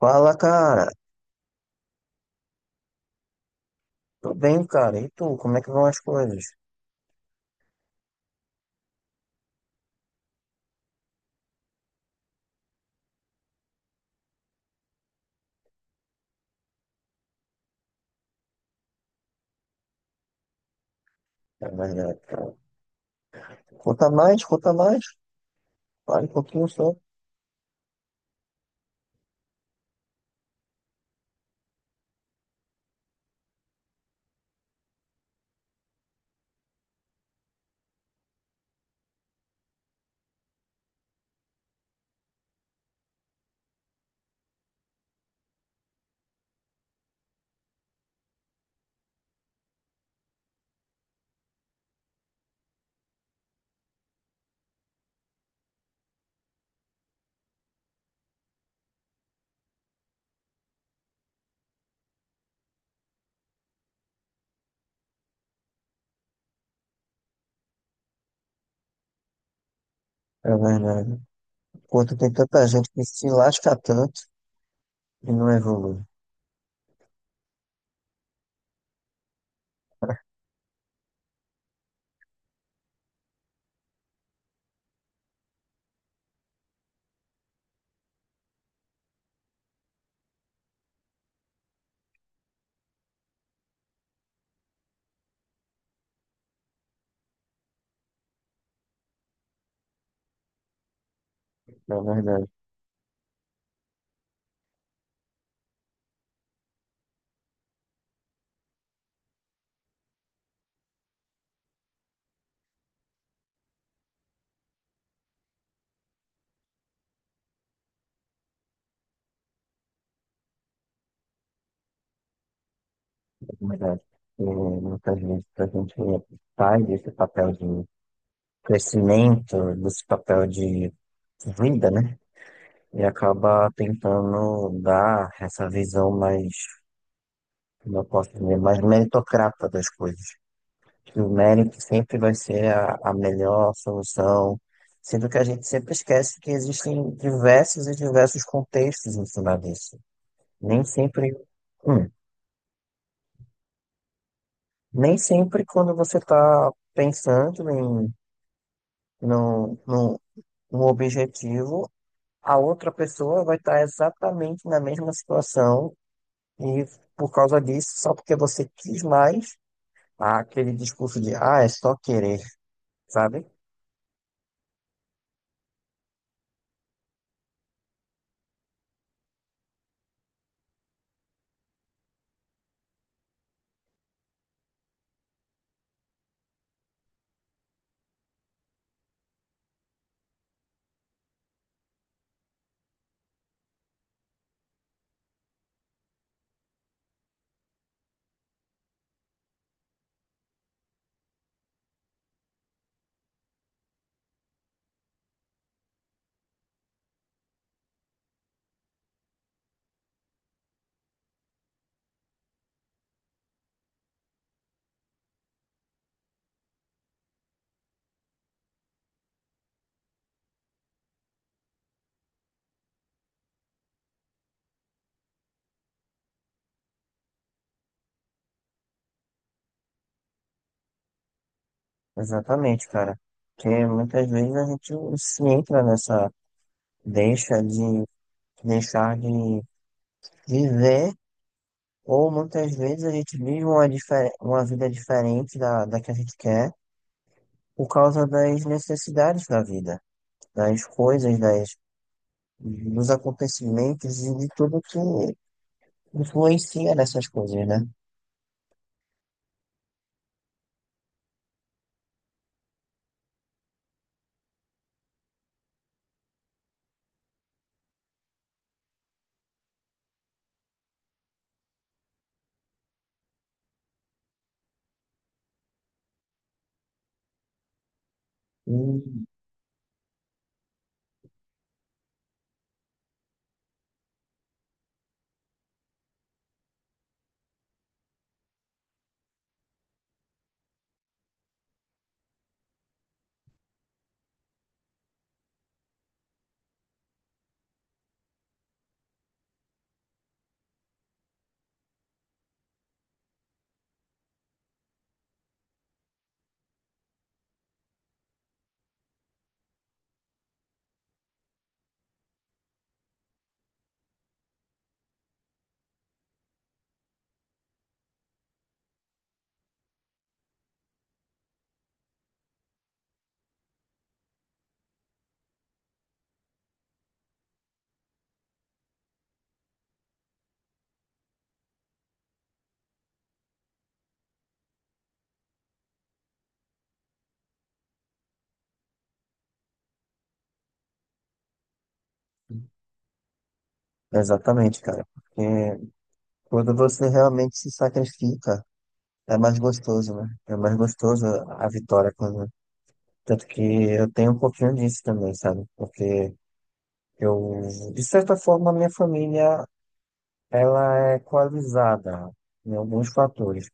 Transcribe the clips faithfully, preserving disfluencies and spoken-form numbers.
Fala, cara. Tô bem, cara. E tu, como é que vão as coisas? É verdade, cara. Conta mais, conta mais. Fale um pouquinho só. É verdade. Enquanto tem tanta gente que se lasca tanto e não evolui. É verdade, é verdade. E muitas vezes a gente sai desse papel de crescimento, desse papel de vida, né? E acaba tentando dar essa visão mais, como eu posso dizer, mais meritocrata das coisas. Que o médico sempre vai ser a, a melhor solução, sendo que a gente sempre esquece que existem diversos e diversos contextos em cima disso. Nem sempre, hum, nem sempre quando você está pensando em num, num, num objetivo, a outra pessoa vai estar exatamente na mesma situação e por causa disso, só porque você quis mais, há aquele discurso de, ah, é só querer, sabe? Exatamente, cara. Porque muitas vezes a gente se entra nessa deixa de deixar de viver, ou muitas vezes a gente vive uma, difer- uma vida diferente da, da que a gente quer por causa das necessidades da vida, das coisas, das, dos acontecimentos e de tudo que influencia nessas coisas, né? E- Exatamente, cara. Porque quando você realmente se sacrifica. É mais gostoso, né? É mais gostoso a vitória quando. Tanto que eu tenho um pouquinho disso também, sabe? Porque eu, de certa forma, a minha família, ela é equalizada em alguns fatores.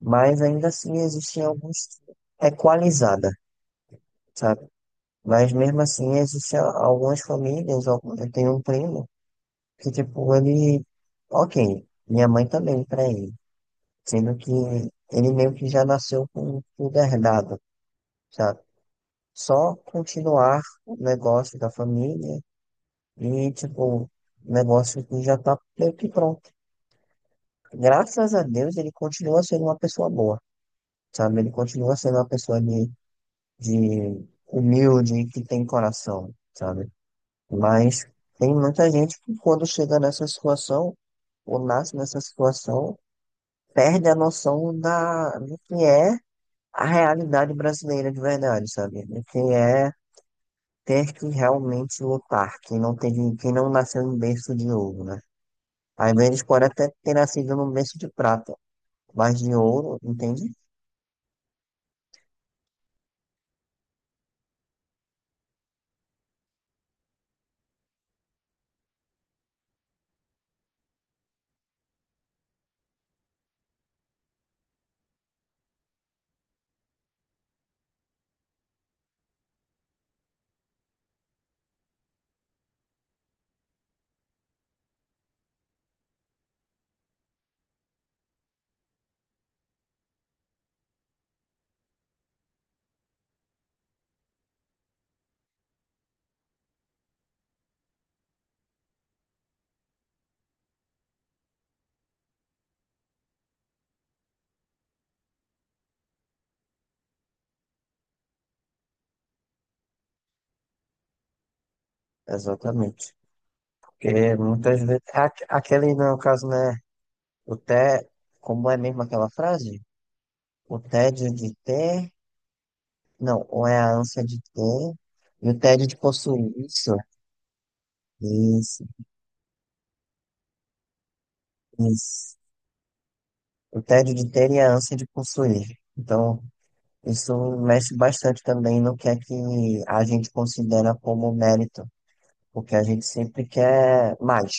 Mas ainda assim existem alguns é equalizada, sabe? Mas mesmo assim existem algumas famílias, algum- eu tenho um primo que, tipo, ele. Ok, minha mãe também, pra ele. Sendo que ele meio que já nasceu com tudo herdado. Sabe? Só continuar o negócio da família e, tipo, o negócio que já tá meio que pronto. Graças a Deus, ele continua sendo uma pessoa boa, sabe? Ele continua sendo uma pessoa de, de humilde, que tem coração, sabe? Mas tem muita gente que, quando chega nessa situação, ou nasce nessa situação, perde a noção da, do que é a realidade brasileira de verdade, sabe? Do que é ter que realmente lutar, quem não teve, quem não nasceu em berço de ouro, né? Às vezes pode até ter nascido num berço de prata, mas de ouro, entende? Exatamente. Porque muitas vezes, aque- aquele no caso, né, o té, como é mesmo aquela frase? O tédio de ter, não, ou é a ânsia de ter, e o tédio de possuir, isso, isso, isso. O tédio de ter e a ânsia de possuir. Então, isso mexe bastante também no que é que a gente considera como mérito, porque a gente sempre quer mais.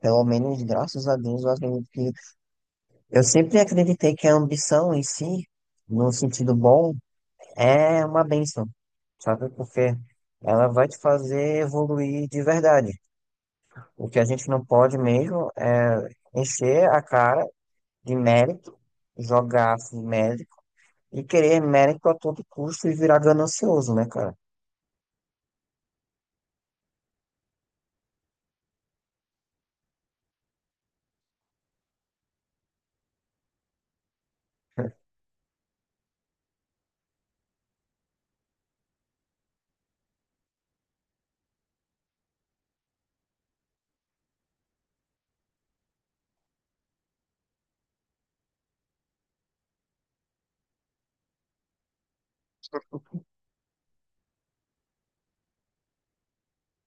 Pelo menos, graças a Deus, eu acredito que eu sempre acreditei que a ambição em si, no sentido bom, é uma bênção, sabe? Porque ela vai te fazer evoluir de verdade. O que a gente não pode mesmo é encher a cara de mérito, jogar assim, mérito e querer mérito a todo custo e virar ganancioso, né, cara?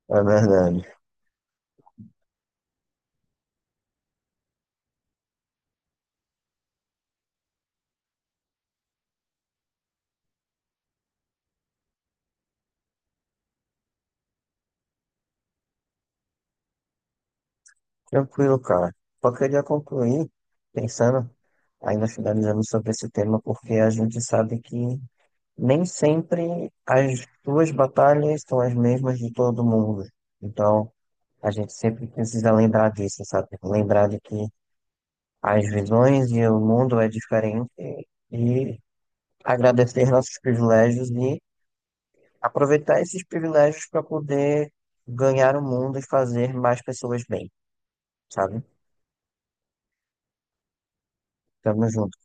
É verdade. Tranquilo, cara. Só queria concluir pensando, ainda finalizando sobre esse tema, porque a gente sabe que nem sempre as suas batalhas são as mesmas de todo mundo. Então, a gente sempre precisa lembrar disso, sabe? Lembrar de que as visões e o mundo é diferente e agradecer nossos privilégios e aproveitar esses privilégios para poder ganhar o mundo e fazer mais pessoas bem, sabe? Tamo junto.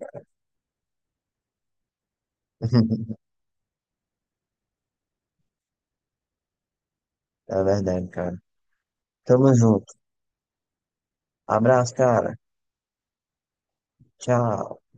É verdade, cara. Tamo junto. Abraço, cara. Tchau.